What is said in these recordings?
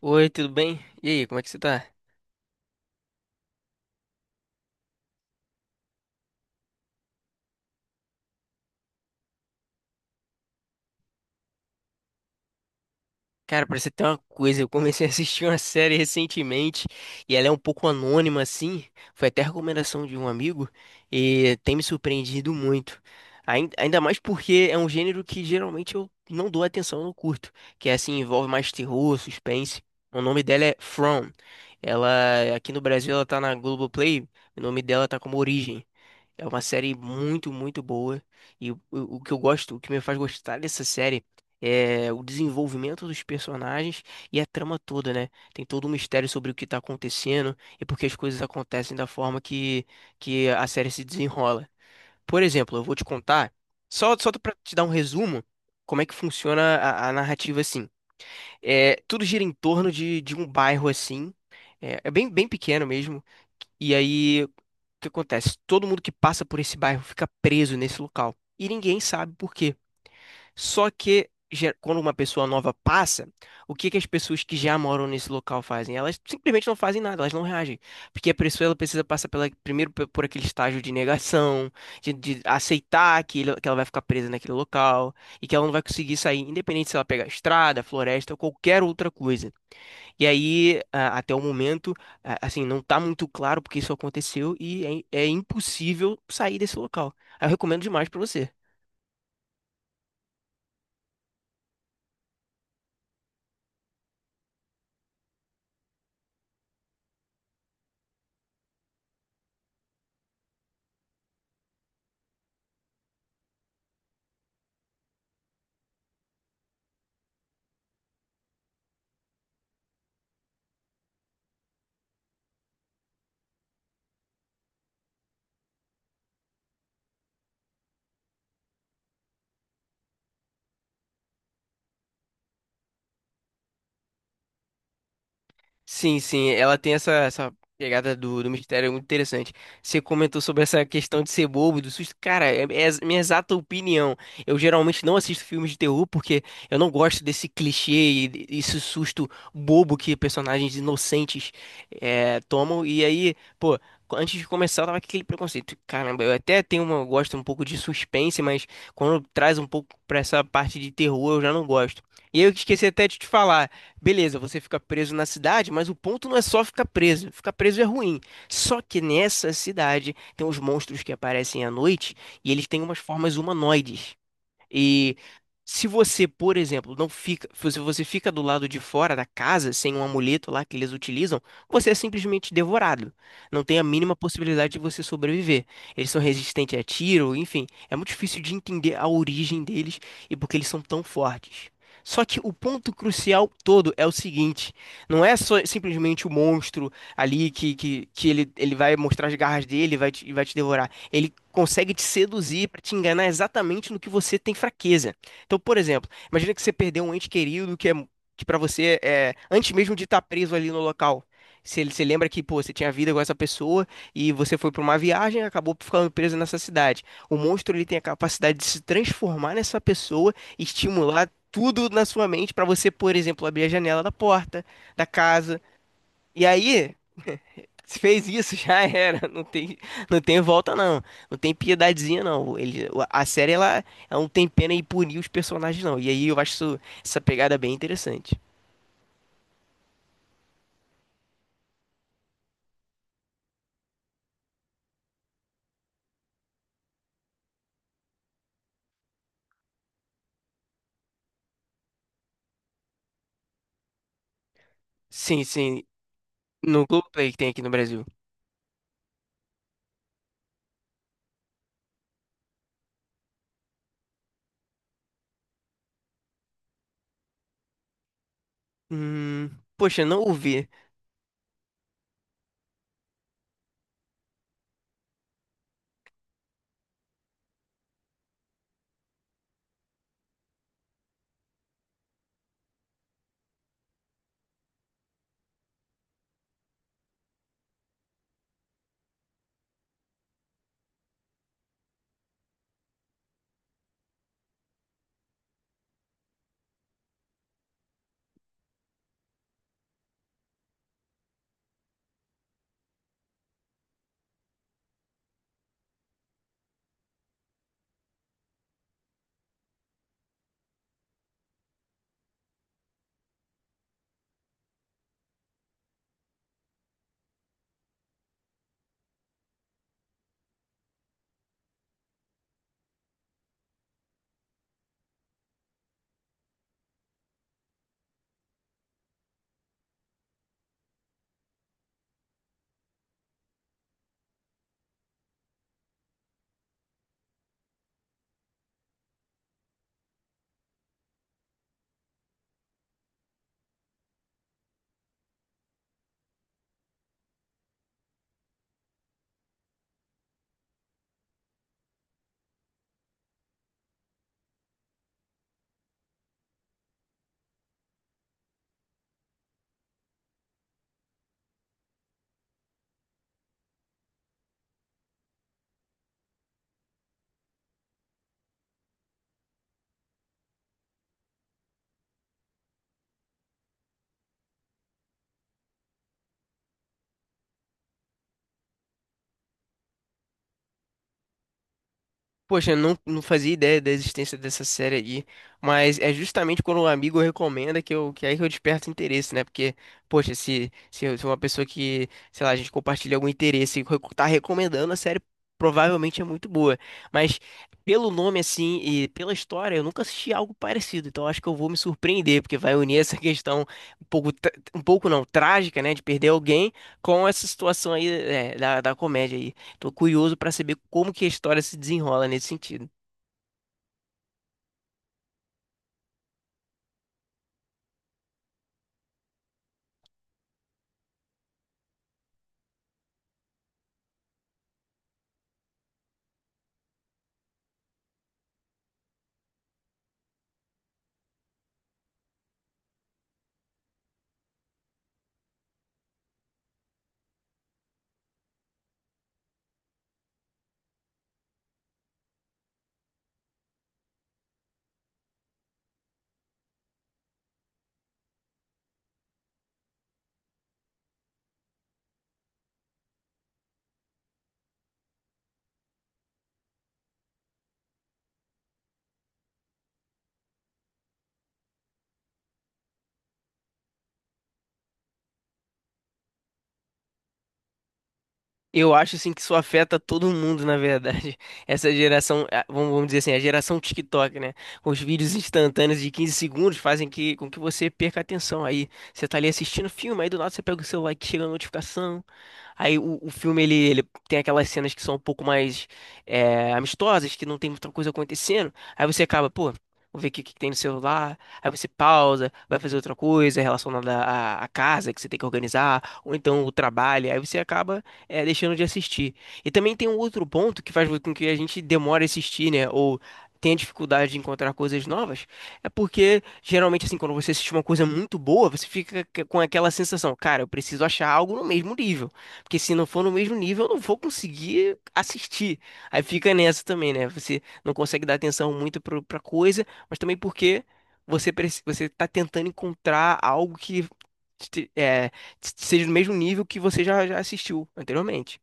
Oi, tudo bem? E aí, como é que você tá? Cara, pra você ter uma coisa, eu comecei a assistir uma série recentemente e ela é um pouco anônima assim, foi até recomendação de um amigo e tem me surpreendido muito. Ainda mais porque é um gênero que geralmente eu não dou atenção, eu não curto, que é assim, envolve mais terror, suspense. O nome dela é From. Ela, aqui no Brasil, ela tá na Globoplay, o nome dela tá como Origem. É uma série muito, muito boa. E o que eu gosto, o que me faz gostar dessa série é o desenvolvimento dos personagens e a trama toda, né? Tem todo um mistério sobre o que tá acontecendo e porque as coisas acontecem da forma que a série se desenrola. Por exemplo, eu vou te contar, só pra te dar um resumo, como é que funciona a narrativa assim. É, tudo gira em torno de um bairro assim. É, é bem, bem pequeno mesmo. E aí. O que acontece? Todo mundo que passa por esse bairro fica preso nesse local. E ninguém sabe por quê. Só que quando uma pessoa nova passa, o que que as pessoas que já moram nesse local fazem? Elas simplesmente não fazem nada, elas não reagem. Porque a pessoa ela precisa passar pela, primeiro por aquele estágio de negação, de aceitar que, que ela vai ficar presa naquele local e que ela não vai conseguir sair, independente se ela pegar estrada, floresta ou qualquer outra coisa. E aí, até o momento, assim, não tá muito claro porque isso aconteceu e é, é impossível sair desse local. Aí eu recomendo demais pra você. Sim, sim, ela tem essa pegada do mistério é muito interessante. Você comentou sobre essa questão de ser bobo, e do susto. Cara, é, é a minha exata opinião. Eu geralmente não assisto filmes de terror porque eu não gosto desse clichê e esse susto bobo que personagens inocentes é, tomam. E aí, pô, antes de começar, eu tava com aquele preconceito. Caramba, eu até tenho uma, eu gosto um pouco de suspense, mas quando traz um pouco pra essa parte de terror, eu já não gosto. E aí eu esqueci até de te falar. Beleza, você fica preso na cidade, mas o ponto não é só ficar preso. Ficar preso é ruim. Só que nessa cidade tem os monstros que aparecem à noite e eles têm umas formas humanoides. E se você, por exemplo, não fica, se você fica do lado de fora da casa sem um amuleto lá que eles utilizam, você é simplesmente devorado. Não tem a mínima possibilidade de você sobreviver. Eles são resistentes a tiro, enfim, é muito difícil de entender a origem deles e porque eles são tão fortes. Só que o ponto crucial todo é o seguinte: não é só simplesmente o monstro ali que ele vai mostrar as garras dele e vai te devorar. Ele consegue te seduzir para te enganar exatamente no que você tem fraqueza. Então, por exemplo, imagina que você perdeu um ente querido que é que para você é antes mesmo de estar preso ali no local. Se ele se lembra que, pô, você tinha vida com essa pessoa e você foi para uma viagem e acabou ficando preso nessa cidade. O monstro ele tem a capacidade de se transformar nessa pessoa e estimular tudo na sua mente para você, por exemplo, abrir a janela da porta da casa. E aí, se fez isso, já era. Não tem, não tem volta, não. Não tem piedadezinha, não. A série, ela não tem pena em punir os personagens, não. E aí eu acho essa pegada bem interessante. Sim, sim. No Globoplay que tem aqui no Brasil. Hum, poxa, não ouvi. Poxa, eu não, não fazia ideia da existência dessa série aí, mas é justamente quando um amigo recomenda que eu, que é aí que eu desperto interesse, né? Porque, poxa, se uma pessoa que, sei lá, a gente compartilha algum interesse e tá recomendando a série, provavelmente é muito boa. Mas pelo nome, assim, e pela história, eu nunca assisti algo parecido, então acho que eu vou me surpreender, porque vai unir essa questão um pouco, um pouco não, trágica, né, de perder alguém com essa situação aí, é, da comédia aí. Tô curioso para saber como que a história se desenrola nesse sentido. Eu acho assim que isso afeta todo mundo, na verdade. Essa geração, ah, vamos dizer assim, a geração TikTok, né? Os vídeos instantâneos de 15 segundos fazem que, com que você perca a atenção. Aí você tá ali assistindo o filme, aí do nada você pega o celular que chega a notificação. Aí o filme ele tem aquelas cenas que são um pouco mais amistosas, que não tem muita coisa acontecendo. Aí você acaba, pô, vou ver o que tem no celular. Aí você pausa, vai fazer outra coisa relacionada à casa que você tem que organizar, ou então o trabalho. Aí você acaba deixando de assistir. E também tem um outro ponto que faz com que a gente demore a assistir, né? Ou tenha dificuldade de encontrar coisas novas. É porque, geralmente, assim, quando você assiste uma coisa muito boa, você fica com aquela sensação, cara, eu preciso achar algo no mesmo nível. Porque se não for no mesmo nível, eu não vou conseguir assistir. Aí fica nessa também, né? Você não consegue dar atenção muito pra coisa, mas também porque você, você tá tentando encontrar algo que seja do mesmo nível que você já assistiu anteriormente.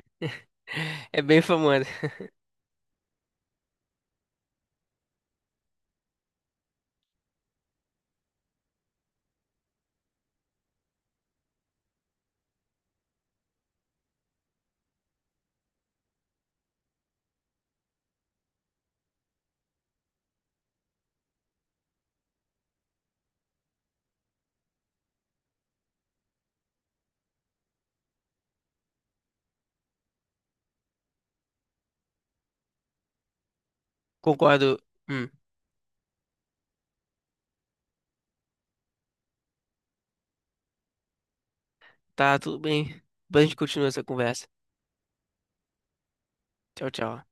É bem famosa. Concordo. Hum, tá, tudo bem. Depois a gente continua essa conversa. Tchau, tchau.